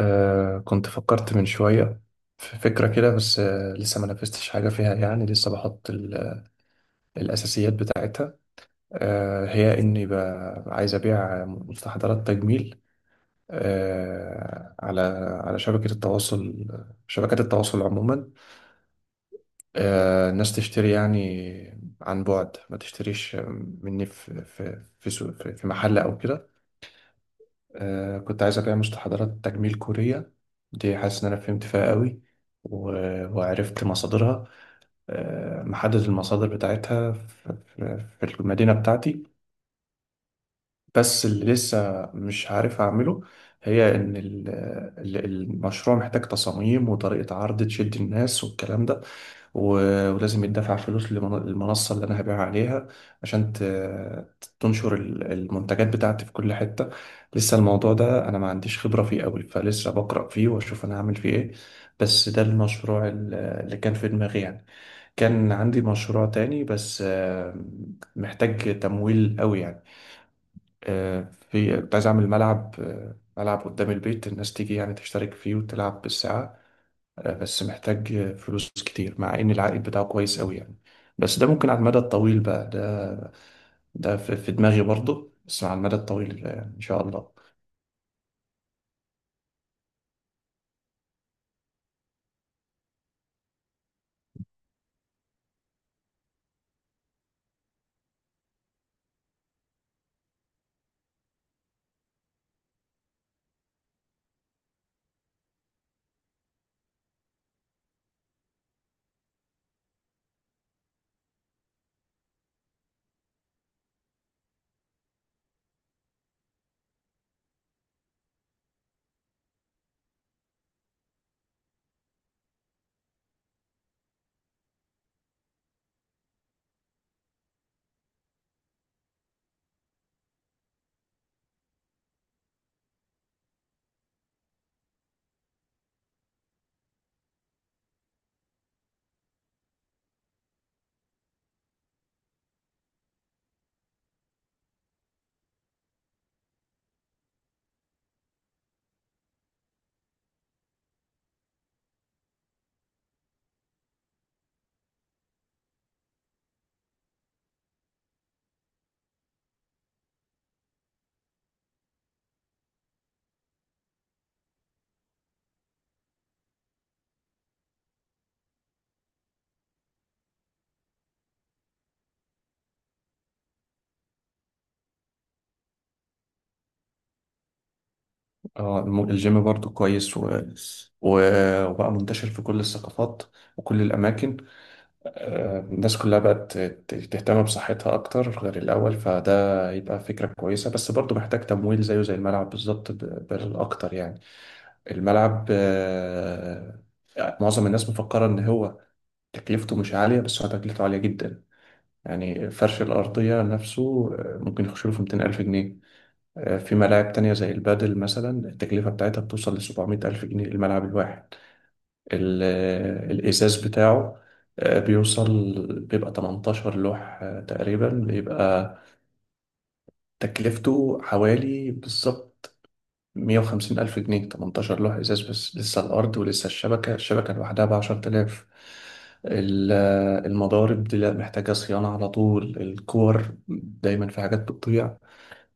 آه، كنت فكرت من شوية في فكرة كده. بس لسه ما نفذتش حاجة فيها، يعني لسه بحط الأساسيات بتاعتها. هي إني عايز أبيع مستحضرات تجميل، آه على على شبكة التواصل، شبكات التواصل عموما. الناس تشتري يعني عن بعد، ما تشتريش مني في في في, سوق- في في محل أو كده. كنت عايز أبيع مستحضرات تجميل كورية، دي حاسس إن أنا فهمت فيها قوي وعرفت مصادرها. محدد المصادر بتاعتها في المدينة بتاعتي. بس اللي لسه مش عارف أعمله هي إن المشروع محتاج تصاميم وطريقة عرض تشد الناس والكلام ده. ولازم يدفع فلوس للمنصة اللي أنا هبيع عليها عشان تنشر المنتجات بتاعتي في كل حتة. لسه الموضوع ده أنا ما عنديش خبرة فيه أوي، فلسه بقرأ فيه وأشوف أنا هعمل فيه إيه. بس ده المشروع اللي كان في دماغي يعني. كان عندي مشروع تاني بس، محتاج تمويل أوي يعني. في كنت عايز أعمل ملعب، ملعب قدام البيت الناس تيجي يعني تشترك فيه وتلعب بالساعة. بس محتاج فلوس كتير مع ان العائد بتاعه كويس قوي يعني. بس ده ممكن على المدى الطويل بقى ده. ده في دماغي برضه بس على المدى الطويل يعني ان شاء الله. اه، الجيم برضه كويس و... وبقى منتشر في كل الثقافات وكل الاماكن. الناس كلها بقت تهتم بصحتها اكتر غير الاول، فده يبقى فكرة كويسة بس برضه محتاج تمويل زيه زي الملعب بالظبط، بل اكتر يعني. الملعب، معظم الناس مفكرة ان هو تكلفته مش عالية بس هو تكلفته عالية جدا. يعني فرش الأرضية نفسه ممكن يخش له في 200 ألف جنيه. في ملاعب تانية زي البادل مثلا التكلفة بتاعتها بتوصل ل 700 ألف جنيه الملعب الواحد. الإزاز بتاعه بيوصل، بيبقى 18 لوح تقريبا، بيبقى تكلفته حوالي بالظبط 150 ألف جنيه، 18 لوح إزاز. بس لسه الأرض ولسه الشبكة لوحدها ب10 آلاف. ال- المضارب دي لا محتاجة صيانة على طول، الكور دايما في حاجات بتضيع،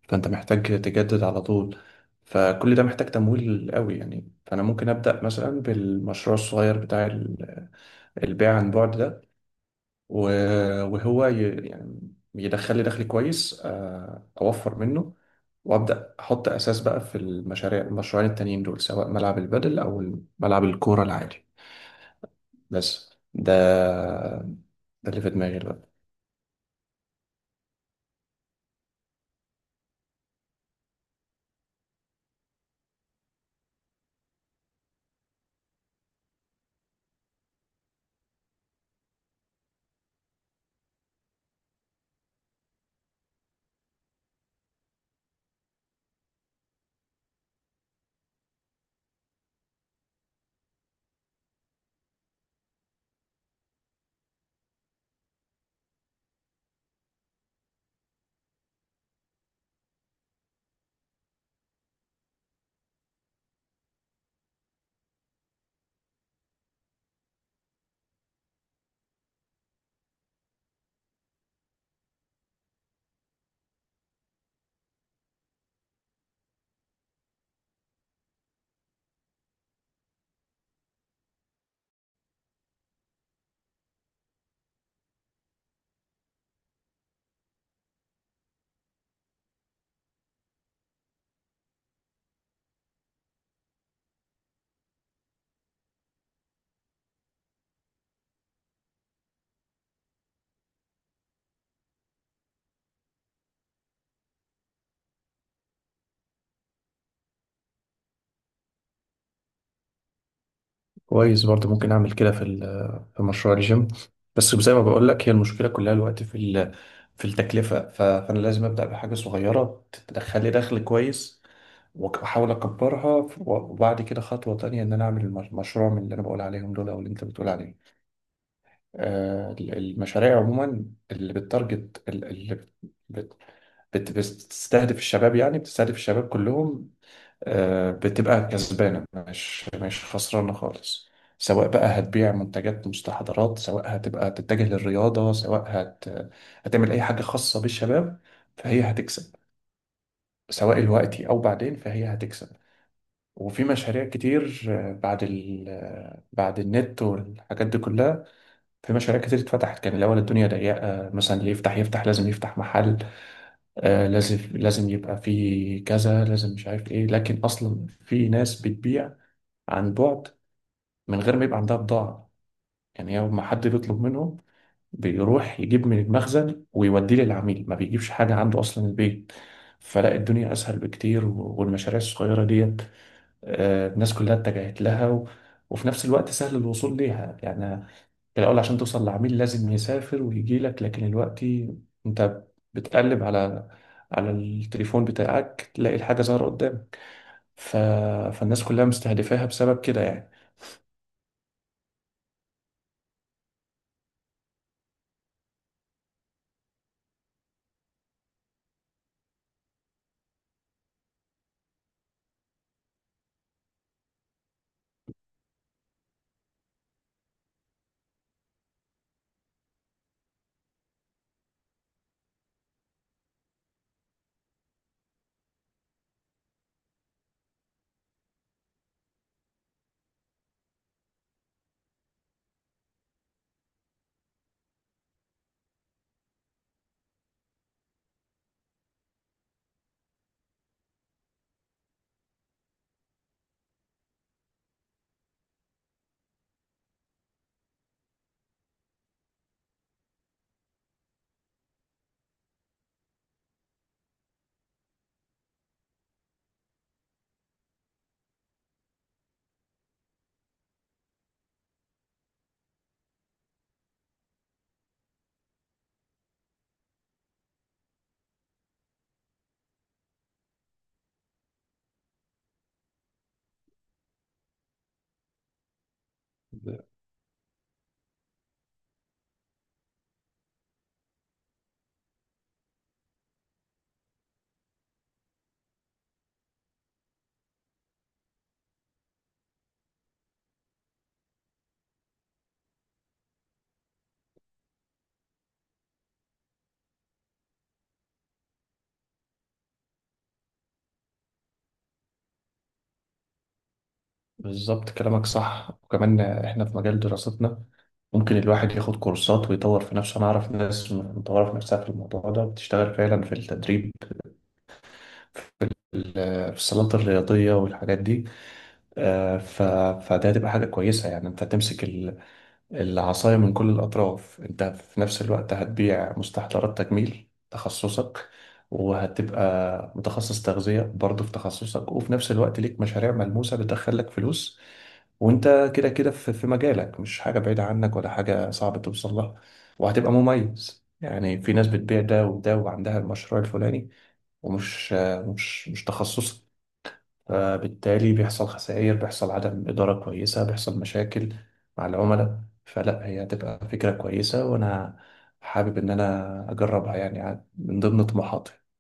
فأنت محتاج تجدد على طول. فكل ده محتاج تمويل قوي يعني. فأنا ممكن أبدأ مثلا بالمشروع الصغير بتاع البيع عن بعد ده، وهو يعني يدخل لي دخل كويس، اوفر منه. وابدا احط اساس بقى في المشاريع، المشروعين التانيين دول سواء ملعب البادل او ملعب الكوره العادي. بس ده، ده اللي في دماغي دلوقتي. كويس برضه، ممكن اعمل كده في في مشروع الجيم. بس زي ما بقول لك، هي المشكله كلها الوقت في في التكلفه، فانا لازم ابدا بحاجه صغيره تدخل لي دخل كويس، واحاول اكبرها، وبعد كده خطوه تانية ان انا اعمل مشروع من اللي انا بقول عليهم دول او اللي انت بتقول عليهم. المشاريع عموما، اللي بالتارجت، اللي بت- بتستهدف الشباب، يعني بتستهدف الشباب كلهم، بتبقى كسبانة، مش خسرانة خالص. سواء بقى هتبيع منتجات مستحضرات، سواء هتبقى تتجه للرياضة، سواء هتعمل أي حاجة خاصة بالشباب، فهي هتكسب، سواء دلوقتي أو بعدين فهي هتكسب. وفي مشاريع كتير، آه، بعد ال... آه، بعد النت والحاجات دي كلها، في مشاريع كتير اتفتحت. كان الأول الدنيا ضيقة مثلا، اللي يفتح يفتح لازم يفتح محل، لازم يبقى في كذا، لازم مش عارف ايه. لكن اصلا في ناس بتبيع عن بعد من غير ما يبقى عندها بضاعة، يعني يوم ما حد بيطلب منهم بيروح يجيب من المخزن ويوديه للعميل، ما بيجيبش حاجة عنده أصلا البيت. فلا الدنيا أسهل بكتير، والمشاريع الصغيرة ديت، الناس كلها اتجهت لها، وفي نفس الوقت سهل الوصول ليها يعني. الأول عشان توصل لعميل لازم يسافر ويجي لك، لكن دلوقتي أنت بتقلب على التليفون بتاعك تلاقي الحاجة ظاهرة قدامك. ف... فالناس كلها مستهدفاها بسبب كده يعني. بالظبط كلامك صح، وكمان إحنا في مجال دراستنا ممكن الواحد ياخد كورسات ويطور في نفسه. أنا أعرف ناس مطورة في نفسها في الموضوع ده بتشتغل فعلا في التدريب، في في الصالات الرياضية والحاجات دي. آه، ف... فده هتبقى حاجة كويسة يعني، أنت تمسك العصاية من كل الأطراف. أنت في نفس الوقت هتبيع مستحضرات تجميل تخصصك، وهتبقى متخصص تغذية برضه في تخصصك، وفي نفس الوقت ليك مشاريع ملموسة بتدخلك فلوس. وأنت كده كده في مجالك، مش حاجة بعيدة عنك ولا حاجة صعب توصل لها، وهتبقى مميز. يعني في ناس بتبيع ده وده وعندها المشروع الفلاني، ومش مش مش تخصصك، فبالتالي بيحصل خسائر، بيحصل عدم إدارة كويسة، بيحصل مشاكل مع العملاء. فلا هي هتبقى فكرة كويسة، وأنا حابب إن أنا أجربها يعني من ضمن طموحاتي.